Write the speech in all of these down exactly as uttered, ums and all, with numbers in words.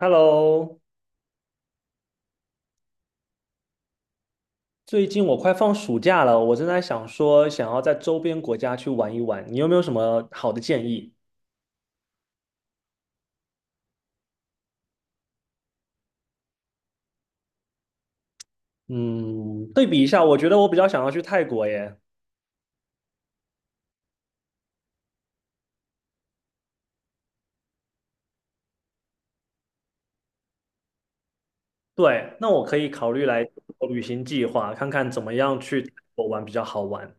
Hello，最近我快放暑假了，我正在想说想要在周边国家去玩一玩，你有没有什么好的建议？嗯，对比一下，我觉得我比较想要去泰国耶。对，那我可以考虑来做旅行计划，看看怎么样去泰国玩比较好玩。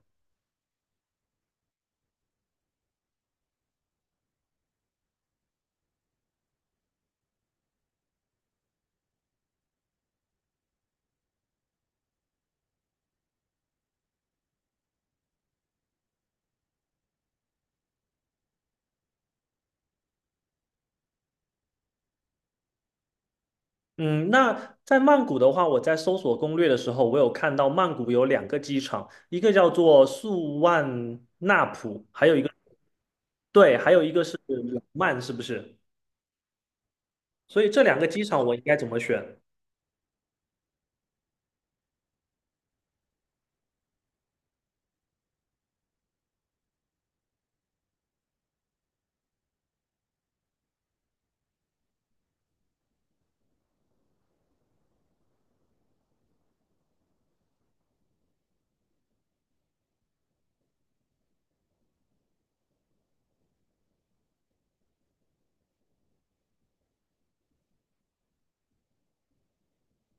嗯，那在曼谷的话，我在搜索攻略的时候，我有看到曼谷有两个机场，一个叫做素万那普，还有一个，对，还有一个是廊曼，是不是？所以这两个机场我应该怎么选？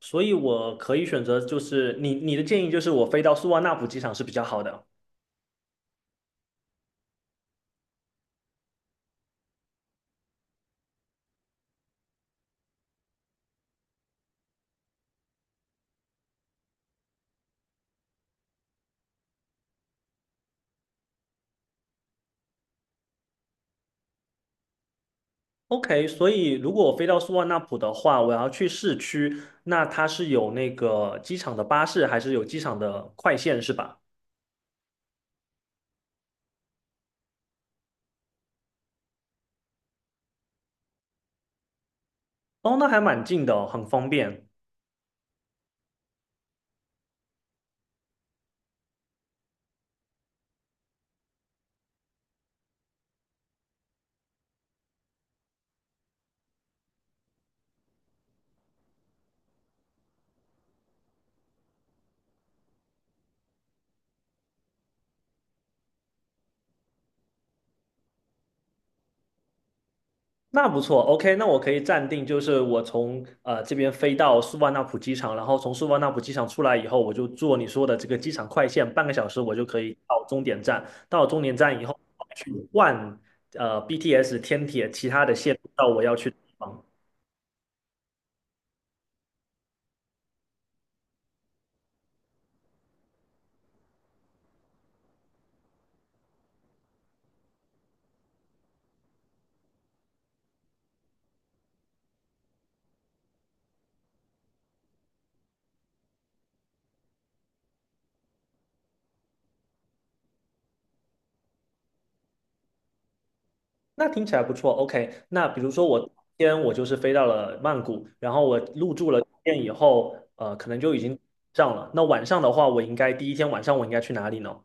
所以我可以选择，就是你你的建议就是我飞到苏万那普机场是比较好的。OK，所以如果我飞到苏万那普的话，我要去市区，那它是有那个机场的巴士，还是有机场的快线是吧？哦，那还蛮近的哦很方便。那不错，OK，那我可以暂定，就是我从呃这边飞到素万那普机场，然后从素万那普机场出来以后，我就坐你说的这个机场快线，半个小时我就可以到终点站。到终点站以后，去换呃 B T S 天铁其他的线路到我要去的地方。那听起来不错，OK。那比如说我今天我就是飞到了曼谷，然后我入住了酒店以后，呃，可能就已经上了。那晚上的话，我应该第一天晚上我应该去哪里呢？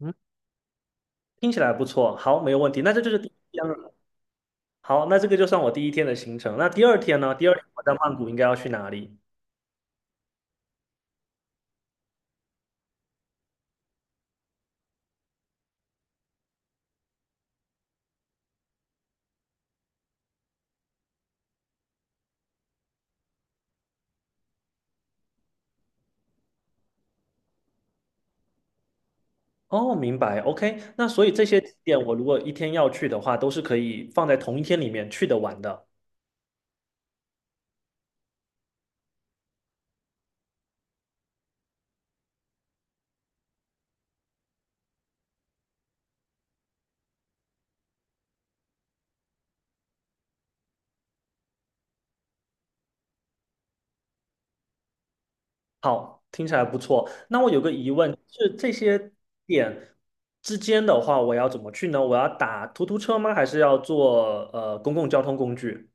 嗯。听起来不错，好，没有问题。那这就是第一天了。好，那这个就算我第一天的行程。那第二天呢？第二天我在曼谷应该要去哪里？哦，明白。OK，那所以这些景点我如果一天要去的话，都是可以放在同一天里面去得完的。好，听起来不错。那我有个疑问，是这些点之间的话，我要怎么去呢？我要打突突车吗？还是要坐呃公共交通工具？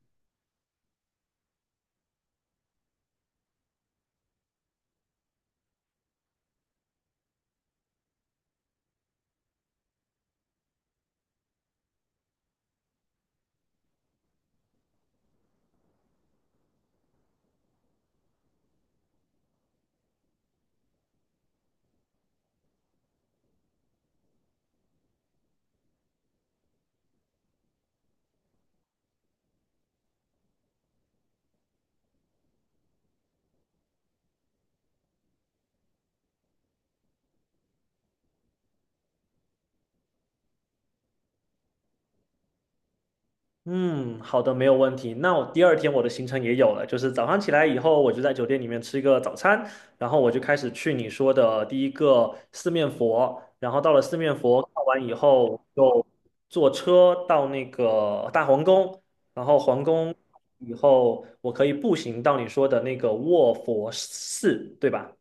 嗯，好的，没有问题。那我第二天我的行程也有了，就是早上起来以后，我就在酒店里面吃一个早餐，然后我就开始去你说的第一个四面佛，然后到了四面佛看完以后，就坐车到那个大皇宫，然后皇宫以后，我可以步行到你说的那个卧佛寺，对吧？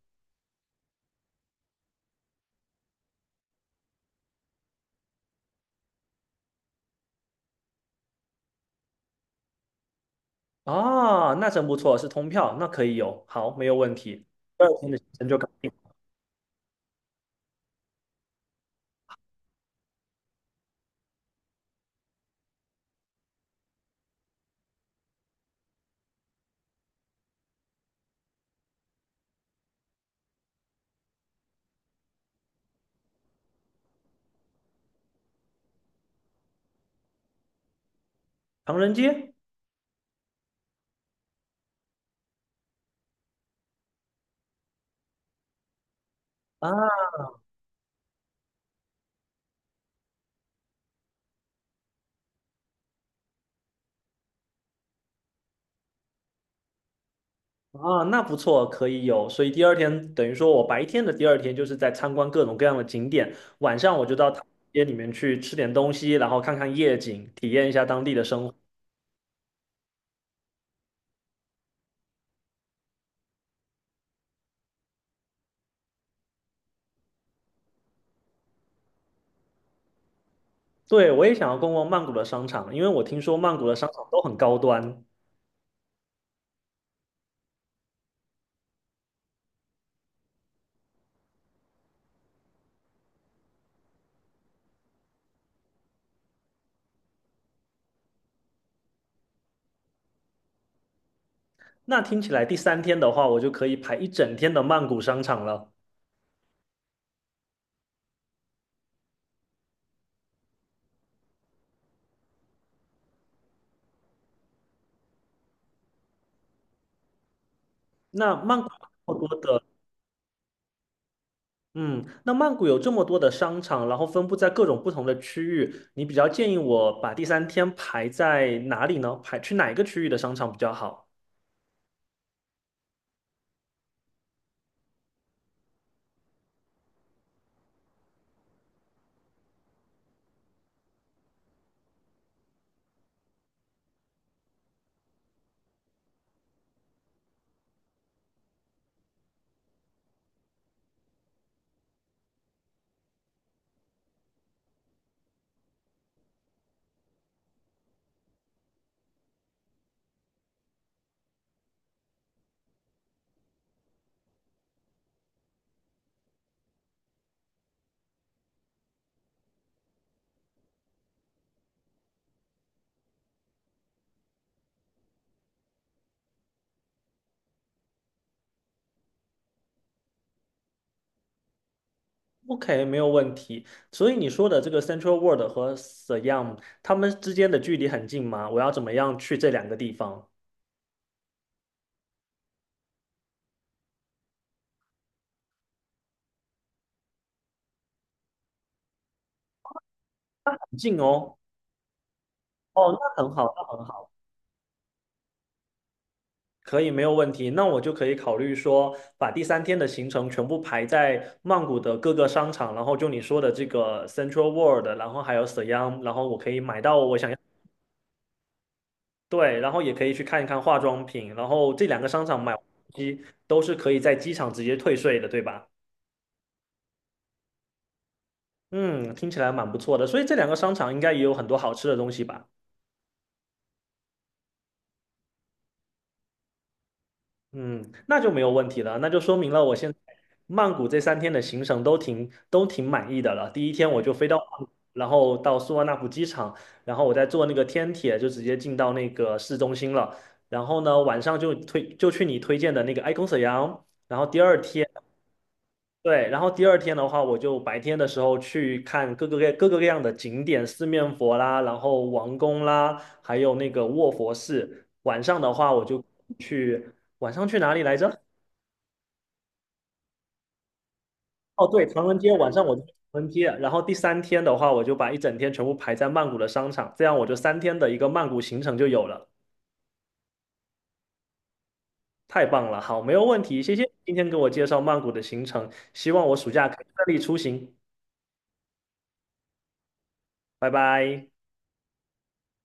啊，那真不错，是通票，那可以有，好，没有问题。第二天的行程就搞定，唐人街。啊。啊，那不错，可以有。所以第二天等于说我白天的第二天就是在参观各种各样的景点，晚上我就到唐街里面去吃点东西，然后看看夜景，体验一下当地的生活。对，我也想要逛逛曼谷的商场，因为我听说曼谷的商场都很高端。那听起来第三天的话，我就可以排一整天的曼谷商场了。那曼谷有那么多的。嗯，那曼谷有这么多的商场，然后分布在各种不同的区域，你比较建议我把第三天排在哪里呢？排去哪一个区域的商场比较好？OK，没有问题。所以你说的这个 Central World 和 Siam，它们之间的距离很近吗？我要怎么样去这两个地方？那很近哦。哦，那很好，可以，没有问题。那我就可以考虑说，把第三天的行程全部排在曼谷的各个商场，然后就你说的这个 Central World，然后还有 Siam，然后我可以买到我想要，对，然后也可以去看一看化妆品，然后这两个商场买完东西都是可以在机场直接退税的，对吧？嗯，听起来蛮不错的。所以这两个商场应该也有很多好吃的东西吧？嗯，那就没有问题了，那就说明了我现在曼谷这三天的行程都挺都挺满意的了。第一天我就飞到曼谷，然后到素万那普机场，然后我再坐那个天铁就直接进到那个市中心了。然后呢，晚上就推就去你推荐的那个 Icon 沈阳。然后第二天，对，然后第二天的话，我就白天的时候去看各个各各个各样的景点，四面佛啦，然后王宫啦，还有那个卧佛寺。晚上的话，我就去晚上去哪里来着？哦，对，唐人街晚上我就去唐人街，然后第三天的话，我就把一整天全部排在曼谷的商场，这样我就三天的一个曼谷行程就有了。太棒了，好，没有问题，谢谢你今天给我介绍曼谷的行程，希望我暑假可以顺利出行，拜拜。